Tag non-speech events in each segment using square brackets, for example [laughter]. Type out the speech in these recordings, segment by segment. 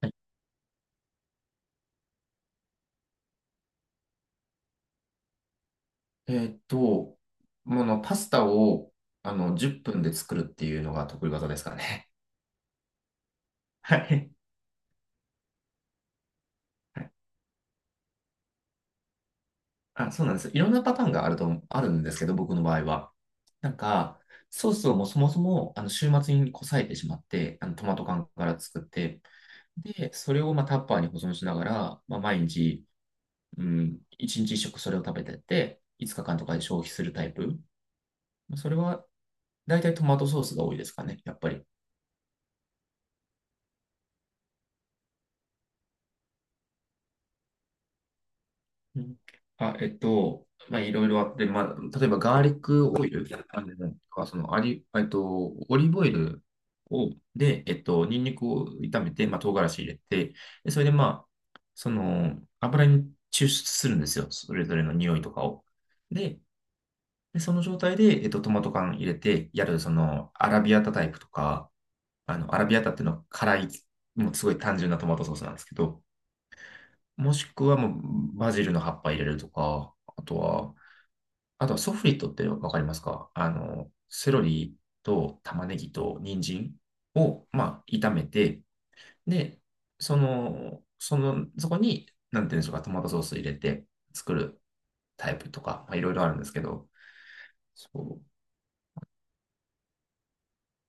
はい。えーっと、もの、パスタを、10分で作るっていうのが得意技ですからね。[laughs] はい。はい。あ、そうなんです。いろんなパターンがあると、あるんですけど、僕の場合は。なんか、ソースをもうそもそも、週末にこさえてしまって、トマト缶から作って、で、それを、まあ、タッパーに保存しながら、まあ、毎日、うん、1日1食それを食べてって、5日間とかで消費するタイプ。それは、大体トマトソースが多いですかね、やっぱり。うん。あ、まあ、いろいろあって、まあ、例えばガーリックオイル、あれなんか、その、あり、えっと、オリーブオイルを、で、ニンニクを炒めて、まあ、唐辛子入れて、で、それで、まあ、油に抽出するんですよ。それぞれの匂いとかを。で、でその状態で、トマト缶入れて、その、アラビアタタイプとか、アラビアタっていうのは辛い、もうすごい単純なトマトソースなんですけど、もしくはもうバジルの葉っぱ入れるとか、あとは、あとはソフリットってわかりますか？セロリと玉ねぎと人参を、まあ、炒めて、で、そこに、なんていうんでしょうか、トマトソース入れて作るタイプとか、まあ、いろいろあるんですけど、そ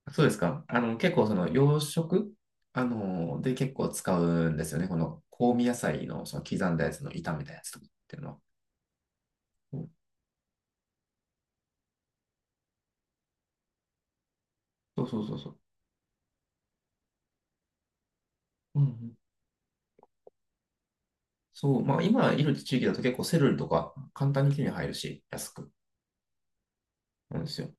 そうですか？結構その洋食、で結構使うんですよね。この香味野菜のその刻んだやつの炒めたやつとかっていうのは。そうそうそうそう。うんうん。そう、まあ今いる地域だと結構セルとか簡単に手に入るし、安くなんですよ。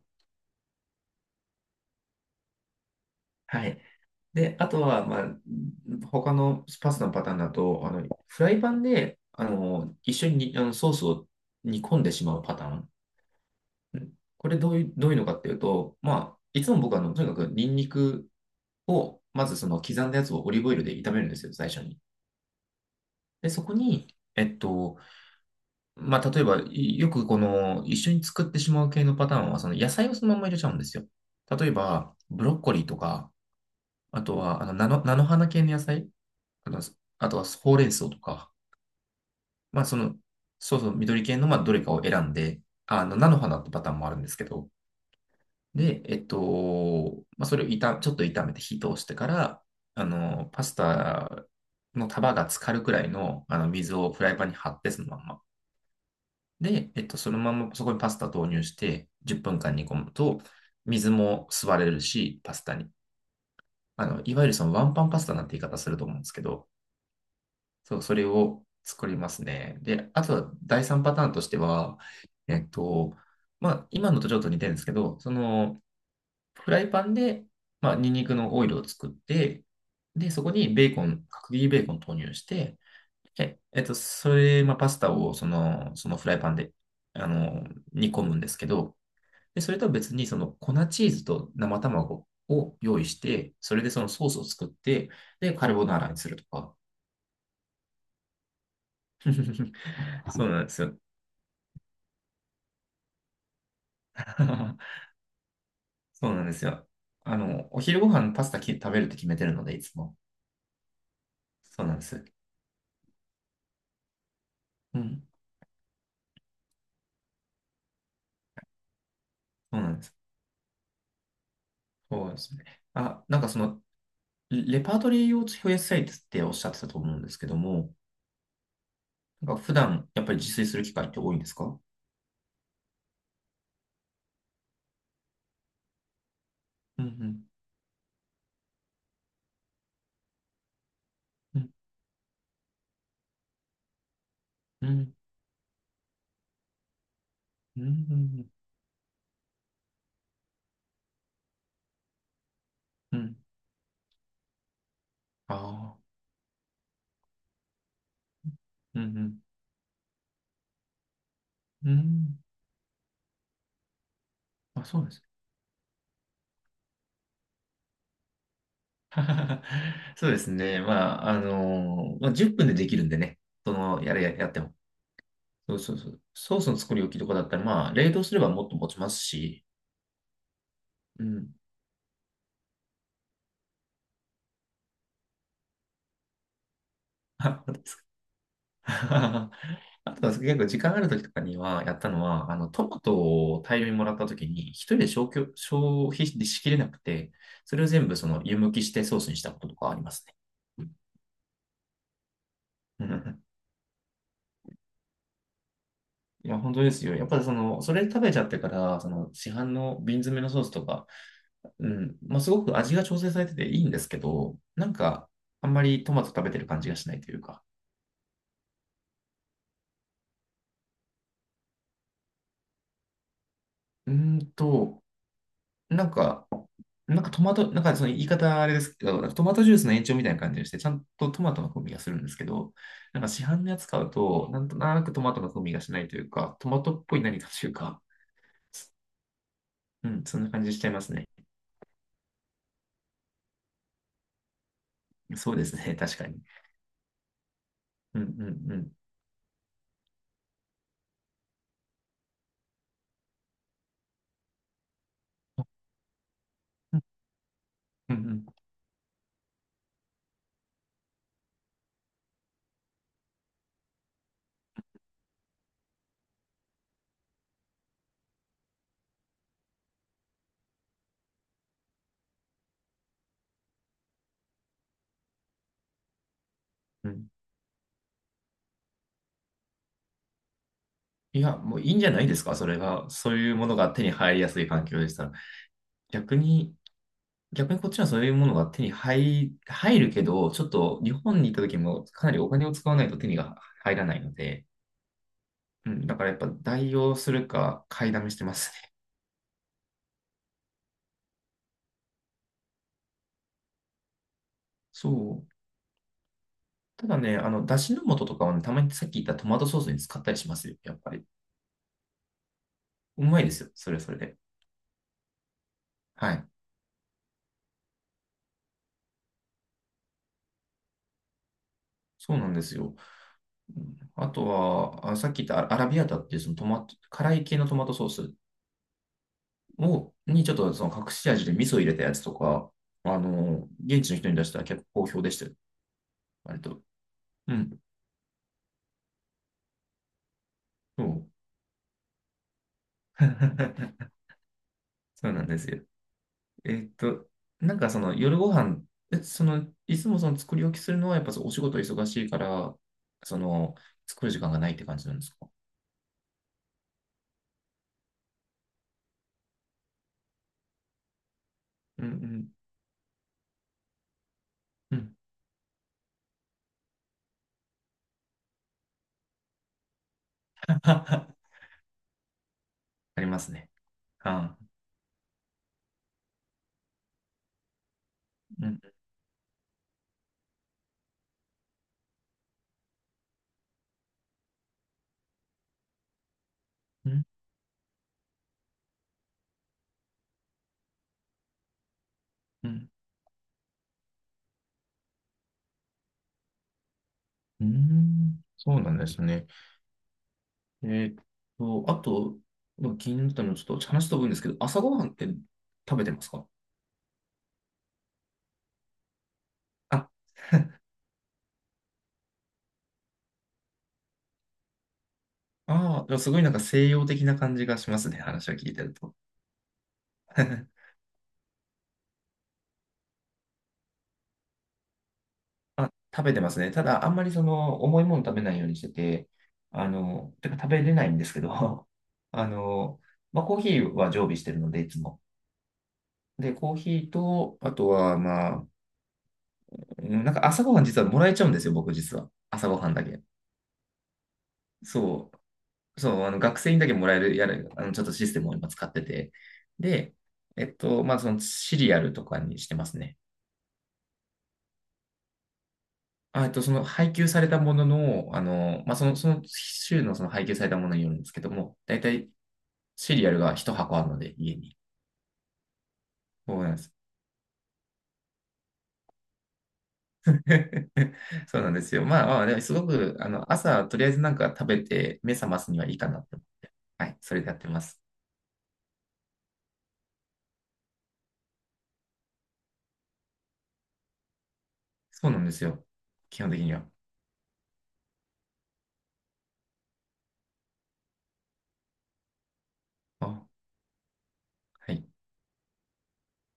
はい。で、あとは、まあ、他のパスタのパターンだと、フライパンで、一緒に、ソースを煮込んでしまうパターン。うん。これどういうのかっていうと、まあ、いつも僕は、とにかくニンニクを、まずその刻んだやつをオリーブオイルで炒めるんですよ、最初に。で、そこに、えっと、まあ、例えば、いよくこの、一緒に作ってしまう系のパターンは、その野菜をそのまま入れちゃうんですよ。例えば、ブロッコリーとか、あとは、菜の花系の野菜、あの、あとはほうれん草とか、まあ、その、そうそう、緑系の、まあ、どれかを選んで、菜の花ってパターンもあるんですけど、で、まあ、それを炒、ちょっと炒めて火通してから、パスタの束が浸かるくらいの、水をフライパンに張って、そのまんま。で、そのままそこにパスタ投入して、10分間煮込むと、水も吸われるし、パスタに。いわゆるそのワンパンパスタなんて言い方すると思うんですけど、そう、それを作りますね。で、あとは第三パターンとしては、えっと、まあ、今のとちょっと似てるんですけど、その、フライパンで、まあ、ニンニクのオイルを作って、で、そこにベーコン、角切りベーコン投入して、それ、まあ、パスタをそのフライパンで、あの、煮込むんですけど、で、それとは別に、その粉チーズと生卵を用意して、それでそのソースを作って、で、カルボナーラにするとか。[laughs] そうなんですよ。[laughs] そうなんですよ。お昼ご飯パスタき食べるって決めてるので、いつも。そうなんです。うん。そうなんです。そうですね。あ、なんかその、レパートリーを増やしたいっておっしゃってたと思うんですけども、なんか普段やっぱり自炊する機会って多いんですか？うんうん。うんうん。うんうん。うん。ああ。うんうん。うん。あ、そうなんです。[laughs] そうですね。まあ、まあ、10分でできるんでね。その、やれ、ややっても。そうそうそう。ソースの作り置きとかだったら、まあ、冷凍すればもっと持ちますし。うん。[laughs] あ、そうですか？ [laughs] あとは結構時間ある時とかにはやったのは、トマトを大量にもらった時に、一人で消費しきれなくて、それを全部その湯むきしてソースにしたこととかありますね。[laughs] いや、本当ですよ。やっぱりその、それ食べちゃってから、その市販の瓶詰めのソースとか、うん、まあ、すごく味が調整されてていいんですけど、なんか、あんまりトマト食べてる感じがしないというか。うーんと、なんか、なんかトマト、なんかその言い方あれですけど、なんかトマトジュースの延長みたいな感じがして、ちゃんとトマトの風味がするんですけど、なんか市販のやつ買うと、なんとなくトマトの風味がしないというか、トマトっぽい何かというか、うん、そんな感じしちゃいますね。そうですね、確かに。うんうんうん。うんうんうんうん。いや、もういいんじゃないですか、それが。そういうものが手に入りやすい環境でしたら。逆に、逆にこっちはそういうものが手に入、入るけど、ちょっと日本に行った時もかなりお金を使わないと手にが入らないので、うん、だからやっぱ代用するか買いだめしてますね。そう。ただね、だしの素とかはね、たまにさっき言ったトマトソースに使ったりしますよ、やっぱり。うまいですよ、それはそれで。はい。そうなんですよ。うん。あとは、あ、さっき言ったアラビアータっていうそのトマト、辛い系のトマトソースを、にちょっとその隠し味で味噌入れたやつとか、現地の人に出したら結構好評でしたよ。割と。うん。そう。[laughs] そうなんですよ。えっと、なんかその夜ご飯、えその、いつもその作り置きするのはやっぱそうお仕事忙しいから、その、作る時間がないって感じなんですか？うんうんうん。[laughs] ありますね。ああ。うんうんうん。うん。そうなんですね。えーっあと、まあ気になったのはちょっと話飛ぶんですけど、朝ごはんって食べてますかあ？ああ、すごいなんか西洋的な感じがしますね、話を聞いてると。[laughs] あ、食べてますね。ただ、あんまりその、重いもの食べないようにしてて、てか食べれないんですけど、[laughs] あの、まあ、コーヒーは常備してるので、いつも。で、コーヒーと、あとは、まあ、うん、なんか朝ごはん実はもらえちゃうんですよ、僕実は。朝ごはんだけ。そう。そう、あの学生にだけもらえる、やる、あのちょっとシステムを今使ってて。で、まあ、そのシリアルとかにしてますね。あ、その配給されたものの、まあ、その週のその配給されたものによるんですけども、だいたいシリアルが一箱あるので、家に。そうなんです。[laughs] そうなんですよ。まあ、まあ、でもすごく、朝、とりあえずなんか食べて、目覚ますにはいいかなって。はい、それでやってます。そうなんですよ。基本的には。あ、はい。